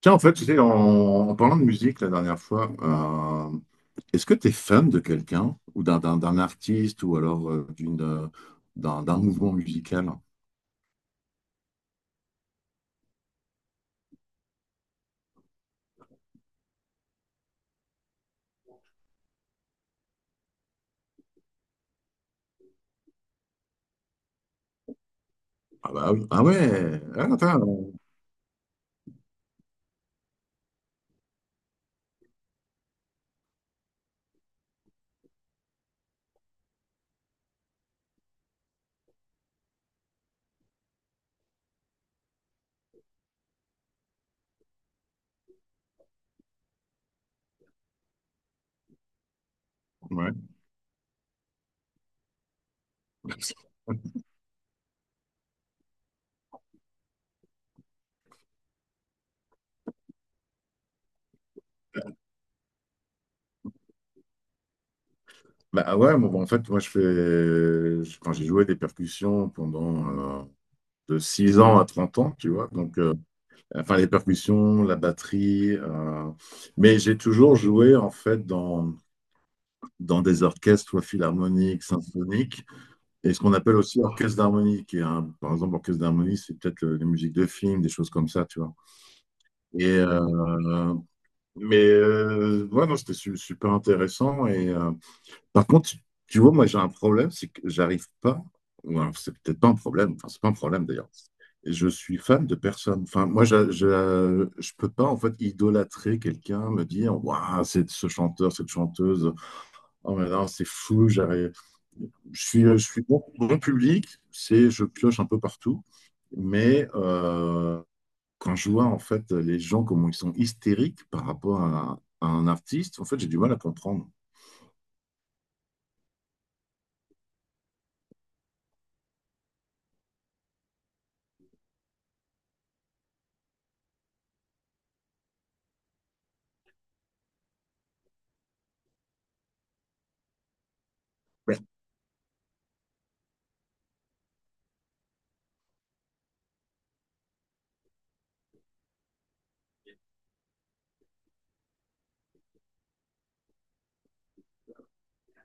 Tiens, en fait, tu sais, en parlant de musique la dernière fois, euh, est-ce que tu es fan de quelqu'un ou d'un artiste ou alors d'une, d'un mouvement musical? Ah bah oui. Ah ouais. Ah, attends. Ouais. Bah ouais, bon, bah, en fait, moi je fais, je- quand j'ai joué des percussions pendant de 6 ans à 30 ans, tu vois. Donc, enfin, les percussions, la batterie. Mais j'ai toujours joué, en fait, dans des orchestres, soit philharmoniques, symphoniques, et ce qu'on appelle aussi orchestre d'harmonie, par exemple, orchestre d'harmonie, c'est peut-être les musiques de films, des choses comme ça, tu vois. Et, euh, ouais, non, c'était super intéressant. Par contre, tu vois, moi j'ai un problème, c'est que j'arrive pas, ou alors c'est peut-être pas un problème, enfin c'est pas un problème d'ailleurs. Je suis fan de personne. Enfin, moi, je peux pas en fait idolâtrer quelqu'un, me dire, waouh, c'est ce chanteur, cette chanteuse. Oh mais non, c'est fou, j'arrive. Je suis bon, bon public, c'est je pioche un peu partout, mais quand je vois en fait les gens comment ils sont hystériques par rapport à un artiste, en fait j'ai du mal à comprendre.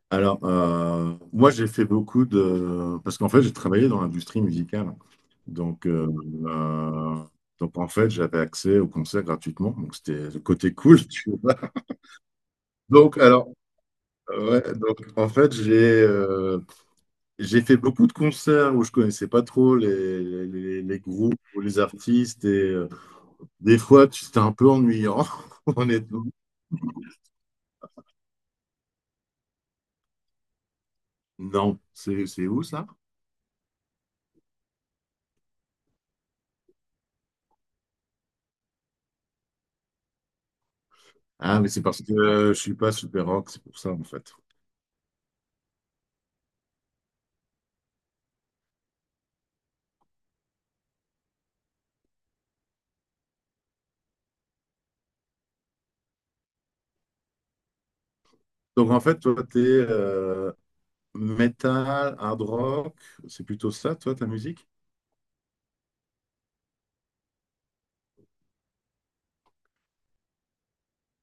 Alors, moi, j'ai fait beaucoup de… Parce qu'en fait, j'ai travaillé dans l'industrie musicale. Donc, euh, euh, donc en fait, j'avais accès aux concerts gratuitement. Donc, c'était le côté cool, tu vois. Donc, alors, ouais, donc, en fait, j'ai fait beaucoup de concerts où je connaissais pas trop les groupes ou les artistes. Et des fois, c'était un peu ennuyant, honnêtement. Non, c'est où ça? Ah, mais c'est parce que je suis pas super rock, c'est pour ça, en fait. Donc en fait, toi, t'es metal, hard rock, c'est plutôt ça, toi, ta musique?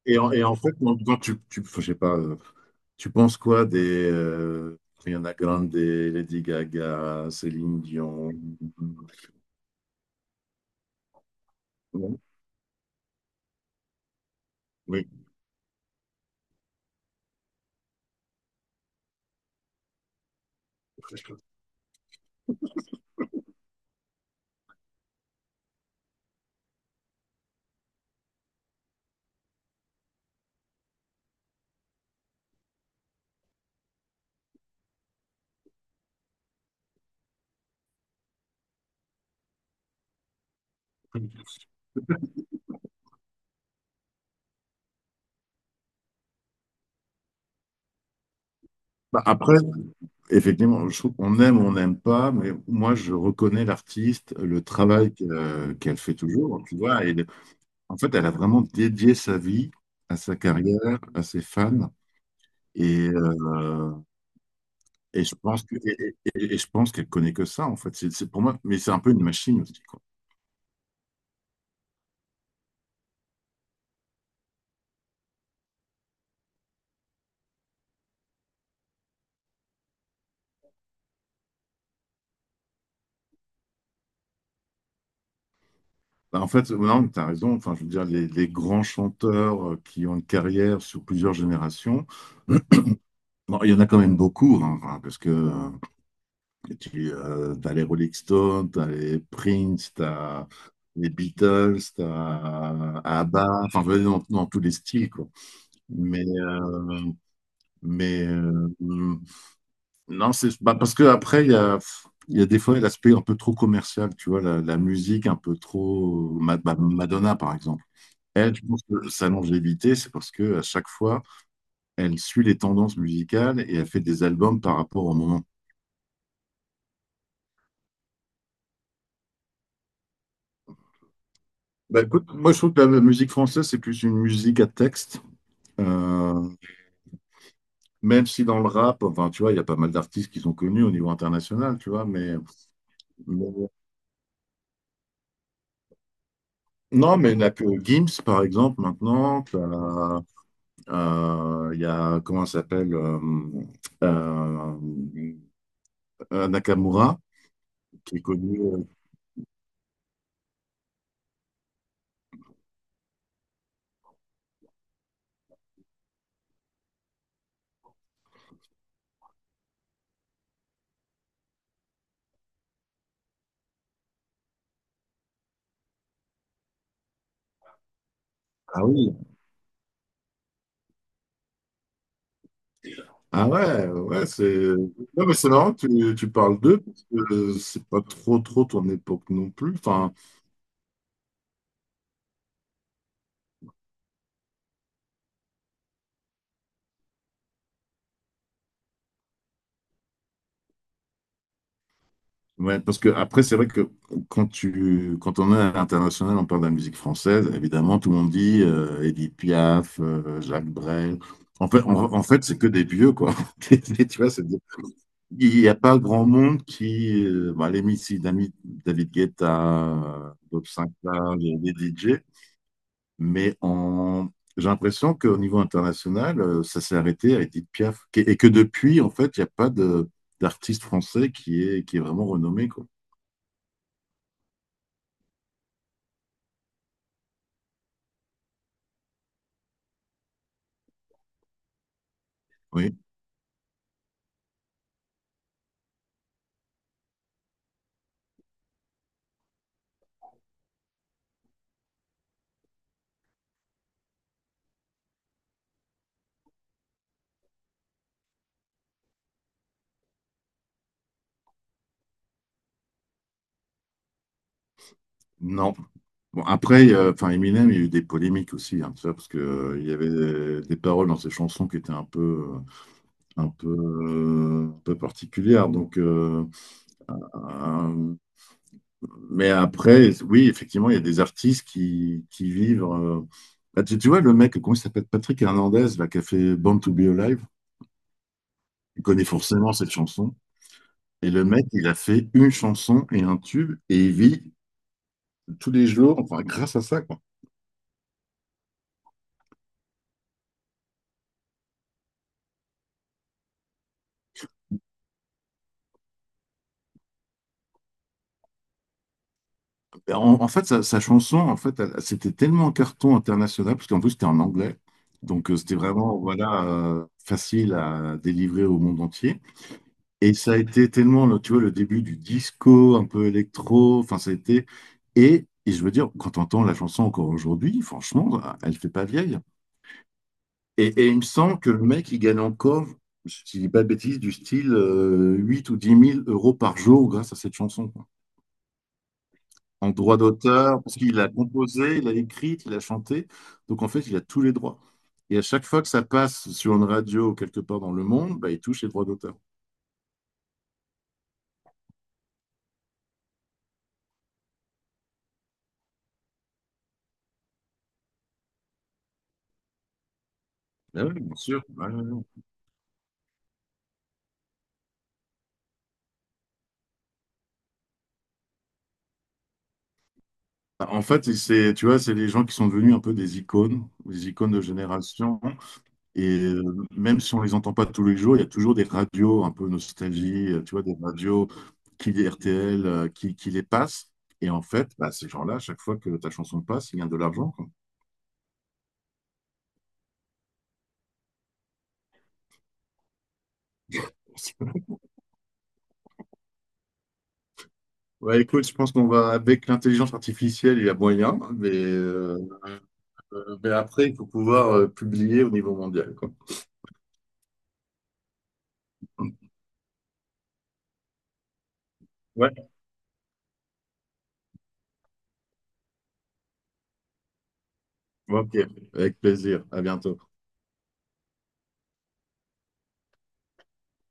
Et en fait, je sais pas, tu penses quoi des Rihanna Grande, Lady Gaga, Céline Dion? Oui. Oui. Bah, après, effectivement, je trouve qu'on aime ou on n'aime pas, mais moi, je reconnais l'artiste, le travail qu'elle fait toujours, tu vois. Et, en fait, elle a vraiment dédié sa vie à sa carrière, à ses fans. Et, euh, Et je pense que je pense qu'elle connaît que ça, en fait. C'est pour moi, mais c'est un peu une machine aussi, quoi. Bah, en fait, non, tu as raison. Enfin, je veux dire, les grands chanteurs qui ont une carrière sur plusieurs générations, bon, il y en a quand même beaucoup, hein, enfin, parce que tu as les Rolling Stones, tu as les Prince, tu as les Beatles, tu as ABBA, enfin, je veux dire, dans tous les styles, quoi. Mais, euh, mais non, c'est bah, parce que après, il y a des fois l'aspect un peu trop commercial, tu vois, la musique un peu trop. Bah, Madonna, par exemple. Elle, je pense que sa longévité, c'est parce que à chaque fois, elle suit les tendances musicales et elle fait des albums par rapport au moment. Bah, écoute, moi je trouve que la musique française, c'est plus une musique à texte. Euh, Même si dans le rap, enfin, tu vois, il y a pas mal d'artistes qui sont connus au niveau international, tu vois, mais non, mais il n'y a que Gims, par exemple, maintenant. Il y a, comment ça s'appelle euh, Nakamura, qui est connu. Ah oui, ah ouais, ouais, c'est. Non, mais c'est marrant, que tu parles d'eux, parce que c'est pas trop ton époque non plus. Enfin, ouais, parce que après, c'est vrai que quand on est à l'international, on parle de la musique française, évidemment, tout le monde dit Édith Piaf, Jacques Brel. En fait, c'est que des vieux, quoi. Tu vois, il n'y a pas grand monde qui, bon, les Missy, David Guetta, Bob Sinclair, les DJ, mais en, j'ai l'impression qu'au niveau international, ça s'est arrêté à Édith Piaf, et que depuis, en fait, il n'y a pas de d'artiste français qui est vraiment renommé, quoi. Oui. Non. Bon, après, Eminem, il y a eu des polémiques aussi, hein, tu vois, parce que, il y avait des paroles dans ses chansons qui étaient un peu, un peu particulières. Donc, euh, mais après, oui, effectivement, il y a des artistes qui vivent. Bah, tu vois, le mec, comment il s'appelle? Patrick Hernandez, là, qui a fait Born to Be Alive, il connaît forcément cette chanson. Et le mec, il a fait une chanson et un tube, et il vit tous les jours, enfin, grâce à ça. Sa chanson, en fait, c'était tellement un carton international, parce qu'en plus, c'était en anglais. Donc, c'était vraiment, voilà, facile à délivrer au monde entier. Et ça a été tellement, tu vois, le début du disco, un peu électro. Enfin, ça a été… et je veux dire, quand on entend la chanson encore aujourd'hui, franchement, elle fait pas vieille. Et il me semble que le mec, il gagne encore, si je dis pas de bêtises, du style 8 ou 10 000 euros par jour grâce à cette chanson. En droit d'auteur, parce qu'il a composé, il a écrit, il a chanté. Donc en fait, il a tous les droits. Et à chaque fois que ça passe sur une radio ou quelque part dans le monde, bah, il touche les droits d'auteur. Ah oui, bien sûr. Ouais, ouais, ouais. Bah, en fait, c'est, tu vois, c'est des gens qui sont devenus un peu des icônes de génération. Et même si on les entend pas tous les jours, il y a toujours des radios un peu nostalgie, tu vois, des radios qui les RTL, qui les passent. Et en fait, bah, ces gens-là, à chaque fois que ta chanson passe, ils gagnent de l'argent, quoi. Ouais, écoute, je pense qu'on va avec l'intelligence artificielle, il y a moyen, mais, après, il faut pouvoir publier au niveau mondial, quoi. Ouais. Ok, avec plaisir. À bientôt.